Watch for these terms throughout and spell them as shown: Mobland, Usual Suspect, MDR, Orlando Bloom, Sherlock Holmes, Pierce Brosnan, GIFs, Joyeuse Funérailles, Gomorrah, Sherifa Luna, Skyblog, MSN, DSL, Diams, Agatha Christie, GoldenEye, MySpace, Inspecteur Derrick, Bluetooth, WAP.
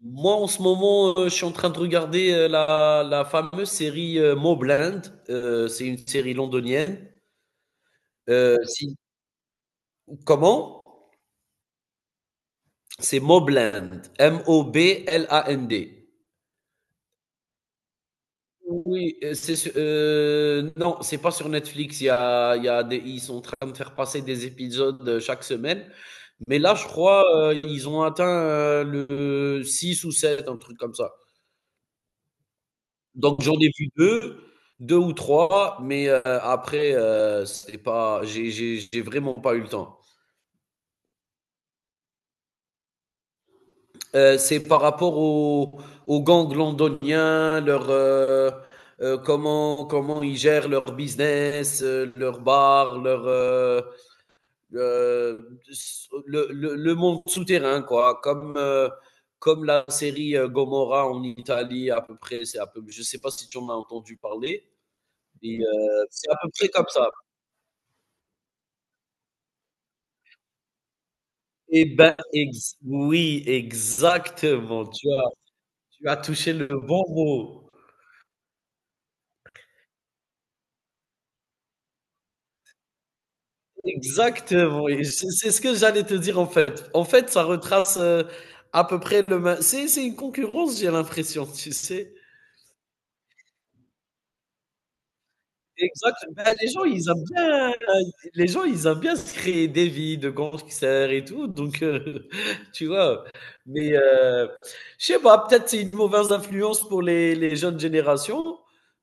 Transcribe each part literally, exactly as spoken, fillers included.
Moi, en ce moment, euh, je suis en train de regarder euh, la, la fameuse série euh, Mobland. Euh, c'est une série londonienne. Euh, si- comment? C'est Mobland. M O B L A N D. Oui, euh, c'est su- euh, non, c'est pas sur Netflix. Il y a, il y a des, ils sont en train de faire passer des épisodes euh, chaque semaine. Mais là, je crois, euh, ils ont atteint euh, le six ou sept, un truc comme ça. Donc j'en ai vu deux, deux ou trois, mais heu, après, heu, c'est pas j'ai j'ai j'ai vraiment pas eu le temps. Heu, c'est par rapport aux aux gangs londoniens, leur, heu heu, comment comment ils gèrent leur business, heu, leurs bars, leur heu heu, le le le monde souterrain, quoi. Comme, heu, comme la série, heu, Gomorrah en Italie à peu près. C'est à peu je sais pas si tu en as entendu parler et heu, c'est à peu près comme ça. Eh ben, ex oui, exactement. Tu as tu as touché le bon mot. Exactement, et c'est c'est ce que j'allais te dire en fait. En fait, ça retrace, heu, à peu près le mê c'est c'est une concurrence, j'ai l'impression, tu sais? Exact. Ben, les gens, ils aiment bien, les gens, ils aiment bien se créer des vies de gangsters et tout, donc heu, tu vois? Mais heu, je sais pas, peut-être c'est une mauvaise influence pour les les jeunes générations,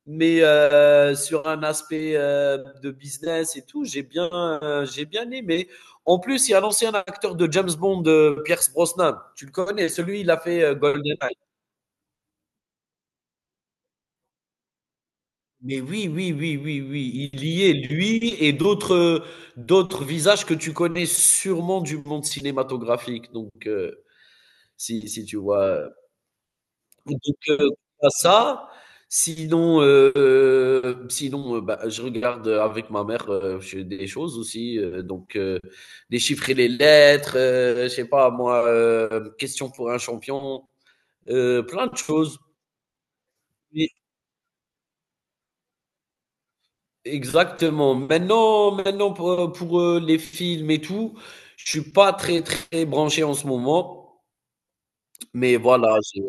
mais heu, sur un aspect, heu, de business et tout, j'ai bien, heu, j'ai bien aimé. En plus, il y a l'ancien acteur de James Bond, heu, Pierce Brosnan. Tu le connais? Celui, il a fait, heu, GoldenEye. Mais oui, oui, oui, oui, oui, il y est, lui et d'autres d'autres visages que tu connais sûrement du monde cinématographique. Donc, heu, si si tu vois? euh, Donc, heu, à ça, sinon, heu, sinon, heu, bah, je regarde avec ma mère, heu, je des choses aussi, heu, donc, heu, déchiffrer les lettres, heu, je sais pas, moi, heu, question pour un champion, heu, plein de choses. Exactement. Maintenant, maintenant pour, euh, pour, euh, les films et tout, je suis pas très très branché en ce moment, mais voilà, j'ai euh,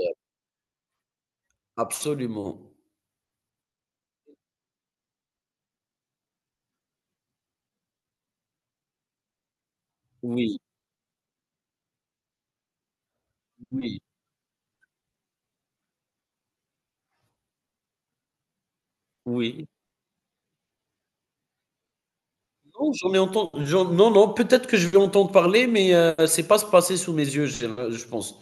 absolument. Oui, oui, oui. Non, j'en ai entendu, j'en- non, non, peut-être que je vais entendre parler, mais euh, c'est pas se passer sous mes yeux, j'ai euh, je pense.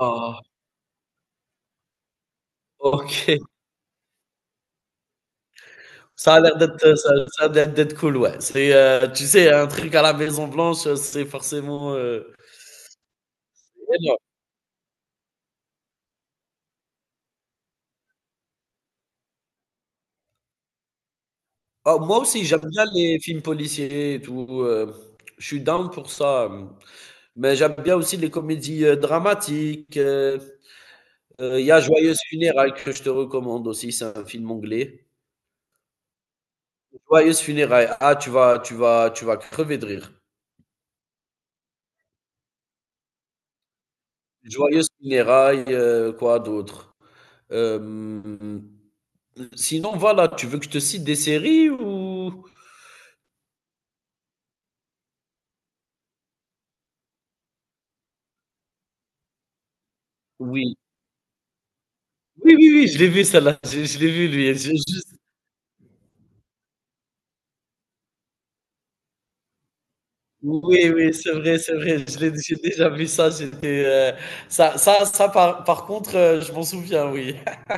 Ah, ok. Ça a l'air d'être, euh, ça, Ça a l'air d'être cool, ouais. C'est, euh, tu sais, un truc à la Maison Blanche, c'est forcément euh, énorme. Ah, moi aussi, j'aime bien les films policiers et tout. euh, je suis down pour ça. Mais j'aime bien aussi les comédies euh, dramatiques. euh, euh, Il y a Joyeuse Funérailles que je te recommande aussi. C'est un film anglais. Joyeuse Funérailles. Ah, tu vas, tu vas, tu vas crever de rire. Joyeuse Funérailles, euh, quoi d'autre? Euh, sinon, voilà, tu veux que je te cite des séries ou... Oui. Oui, oui, oui, je l'ai vu, celle-là. Je, je l'ai vu, lui. Je- je- Oui, oui, c'est vrai, c'est vrai. Je l'ai, j'ai déjà vu ça. J'étais, euh, ça, ça, ça par, par contre, euh, je m'en souviens, oui.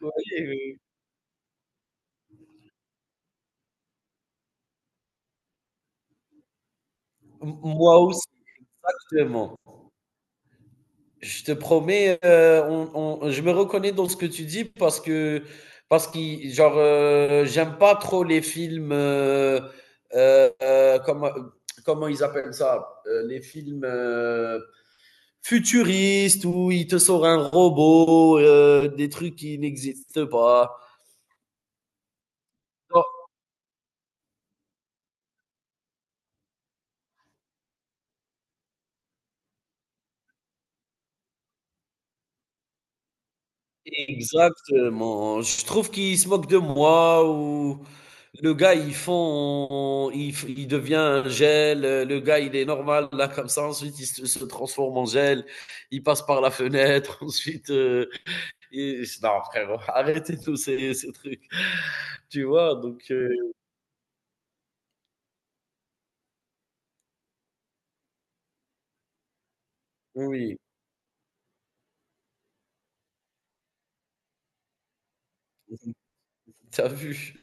Oui, oui. M- Moi aussi, exactement. Je te promets, euh, on- on- je me reconnais dans ce que tu dis parce que, parce que, genre, euh, j'aime pas trop les films, euh, euh, euh, comment, comment ils appellent ça? Euh, les films euh, futuristes où il te sort un robot, euh, des trucs qui n'existent pas. Exactement. Je trouve qu'ils se moquent de moi ou le gars, ils font, il, f- il devient un gel. euh, Le gars, il est normal là comme ça. Ensuite, il se, se transforme en gel. Il passe par la fenêtre. Ensuite, euh, il- non, frérot, arrêtez tous ces, ces trucs. Tu vois, donc euh, oui, t'as vu.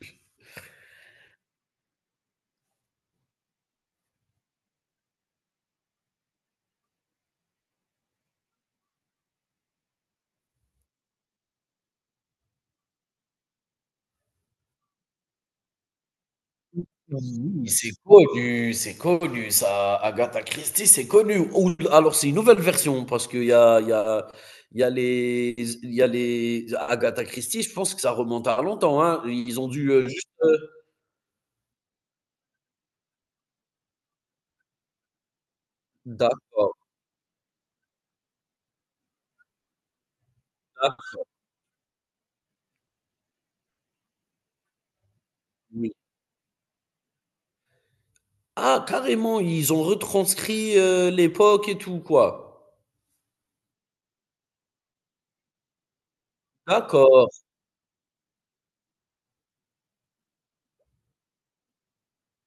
Oui. C'est connu, c'est connu, ça. Agatha Christie, c'est connu. Ou alors c'est une nouvelle version parce qu'il y a, il y a, il y a les, il y a les Agatha Christie. Je pense que ça remonte à longtemps, hein. Ils ont dû euh, juste. euh, D'accord. Ah, oui. Ah, carrément, ils ont retranscrit euh, l'époque et tout, quoi. D'accord.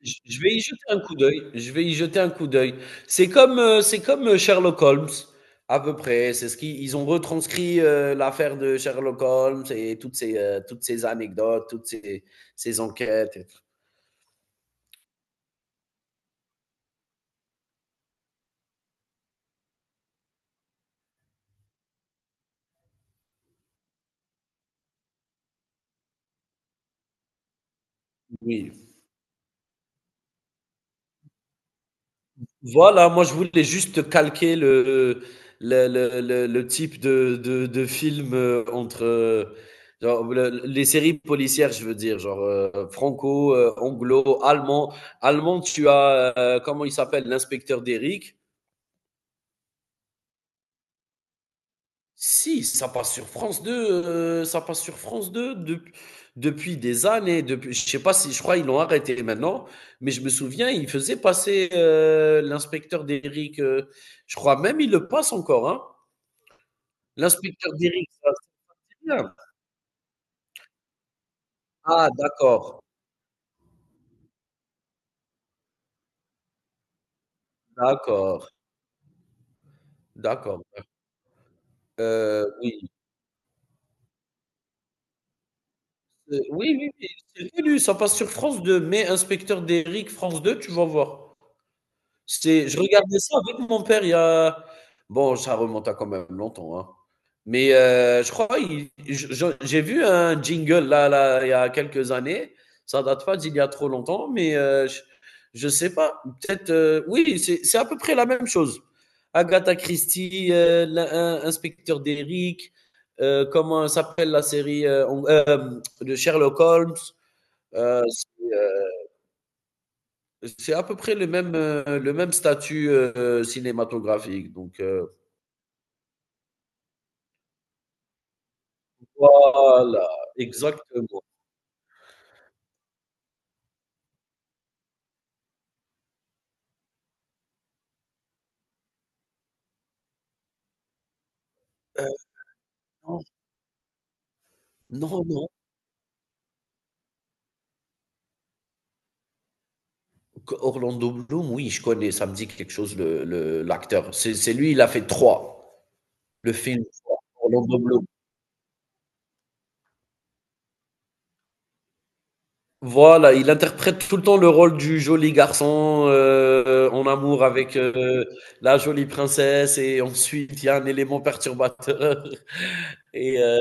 Je je vais y jeter un coup d'œil, je vais y jeter un coup d'œil. C'est comme, heu, c'est comme, heu, Sherlock Holmes, à peu près. C'est ce qu'ils ils ont retranscrit, heu, l'affaire de Sherlock Holmes et toutes ces, heu, toutes ces anecdotes, toutes ces ces enquêtes et tout. Oui. Voilà, moi je voulais juste calquer le, le, le, le- le type de, de, de film euh, entre euh, genre, le- les séries policières, je veux dire, genre euh, franco, euh, anglo, allemand. Allemand, tu as, euh, comment il s'appelle, l'inspecteur d'Eric. Si, ça passe sur France deux, euh, ça passe sur France deux de- depuis des années. Depuis, je sais pas si, je crois ils l'ont arrêté maintenant, mais je me souviens, ils faisaient passer euh, l'inspecteur d'Eric. euh, je crois même ils le passent encore, hein. L'inspecteur Deric, ça, c'est bien. Ah, d'accord, d'accord, d'accord. Euh, oui, euh, oui, oui, oui, c'est connu, ça passe sur France deux. Mais inspecteur Deric, France deux, tu vas voir. C'est je regardais ça avec mon père il y a bon, ça remonte à quand même longtemps, hein. Mais heu, je crois il je je j'ai vu un jingle là là, il y a quelques années. Ça date pas d'il y a trop longtemps, mais heu, je je sais pas, peut-être, heu, oui, c'est c'est à peu près la même chose. Agatha Christie, heu, l'in in inspecteur Derrick, heu, comment s'appelle la série, heu, on hem, de Sherlock Holmes, heu, c'est à peu près le même, euh, le même statut euh, cinématographique. Donc, euh, voilà, exactement. Euh, non, non, non. Orlando Bloom, oui, je connais, ça me dit quelque chose, le, le- l'acteur. C'est, c'est lui, il a fait trois, le film Orlando Bloom. Voilà, il interprète tout le temps le rôle du joli garçon euh, en amour avec euh, la jolie princesse, et ensuite il y a un élément perturbateur, et euh,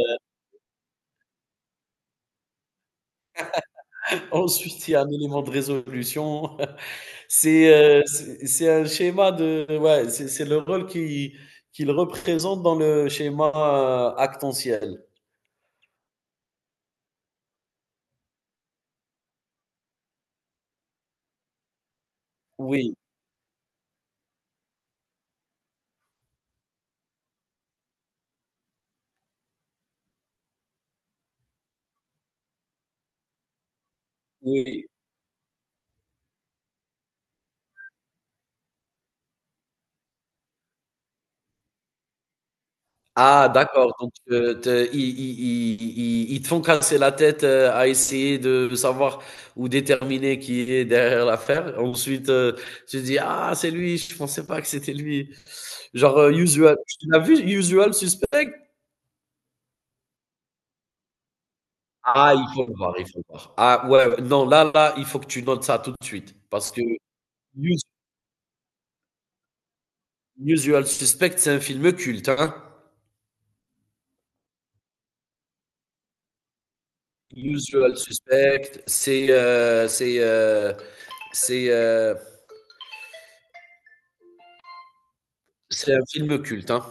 ensuite il y a un élément de résolution. C'est, heu, c'est c'est un schéma de ouais, c'est c'est le rôle qui qu'il représente dans le schéma, heu, actentiel. Oui, oui. Ah, d'accord, donc heu, te ils ils ils ils ils te font casser la tête, heu, à essayer de savoir ou déterminer qui est derrière l'affaire. Ensuite, heu, tu te dis: «Ah, c'est lui, je pensais pas que c'était lui». Genre, heu, Usual tu l'as vu Usual Suspect? Ah, il faut le voir, il faut le voir. Ah ouais, ouais, non, là là, il faut que tu notes ça tout de suite parce que Us- Usual Suspect, c'est un film culte, hein. Usual Suspect, c'est euh, c'est euh, c'est euh, c'est un film culte, hein.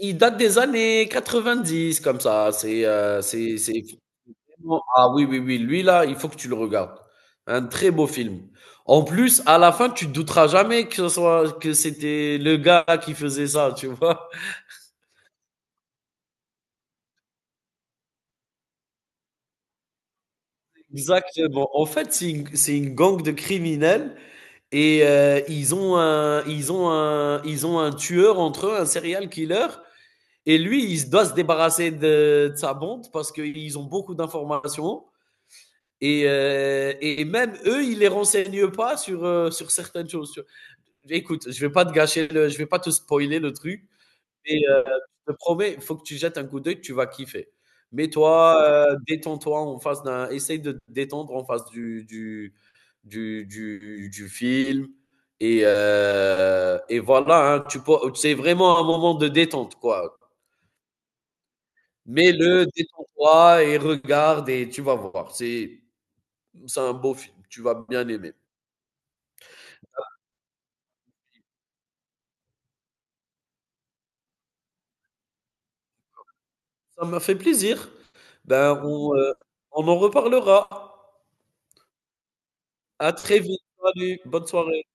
Il date des années quatre-vingt-dix, comme ça. C'est euh, c'est c'est vraiment ah Oui, oui, oui, lui là, il faut que tu le regardes. Un très beau film. En plus, à la fin, tu te douteras jamais que ce soit que c'était le gars qui faisait ça, tu vois? Exactement. En fait, c'est une, c'est une gang de criminels et euh, ils ont un, ils ont un, ils ont un tueur entre eux, un serial killer. Et lui, il doit se débarrasser de, de sa bande parce qu'ils ont beaucoup d'informations. Et, euh, et même eux, ils les renseignent pas sur, euh, sur certaines choses. Sur- Écoute, je vais pas te gâcher le, je vais pas te spoiler le truc, mais euh, je te promets, il faut que tu jettes un coup d'œil, tu vas kiffer. Mets-toi, euh, détends-toi en face d'un. Essaye de te détendre en face du, du, du, du, du film. Et, euh, et voilà, hein, tu peux- c'est vraiment un moment de détente, quoi. Mets-le, détends-toi et regarde et tu vas voir. C'est, c'est un beau film, tu vas bien aimer. Ça m'a fait plaisir. Ben, on, euh, on en reparlera. À très vite. Salut, bonne soirée.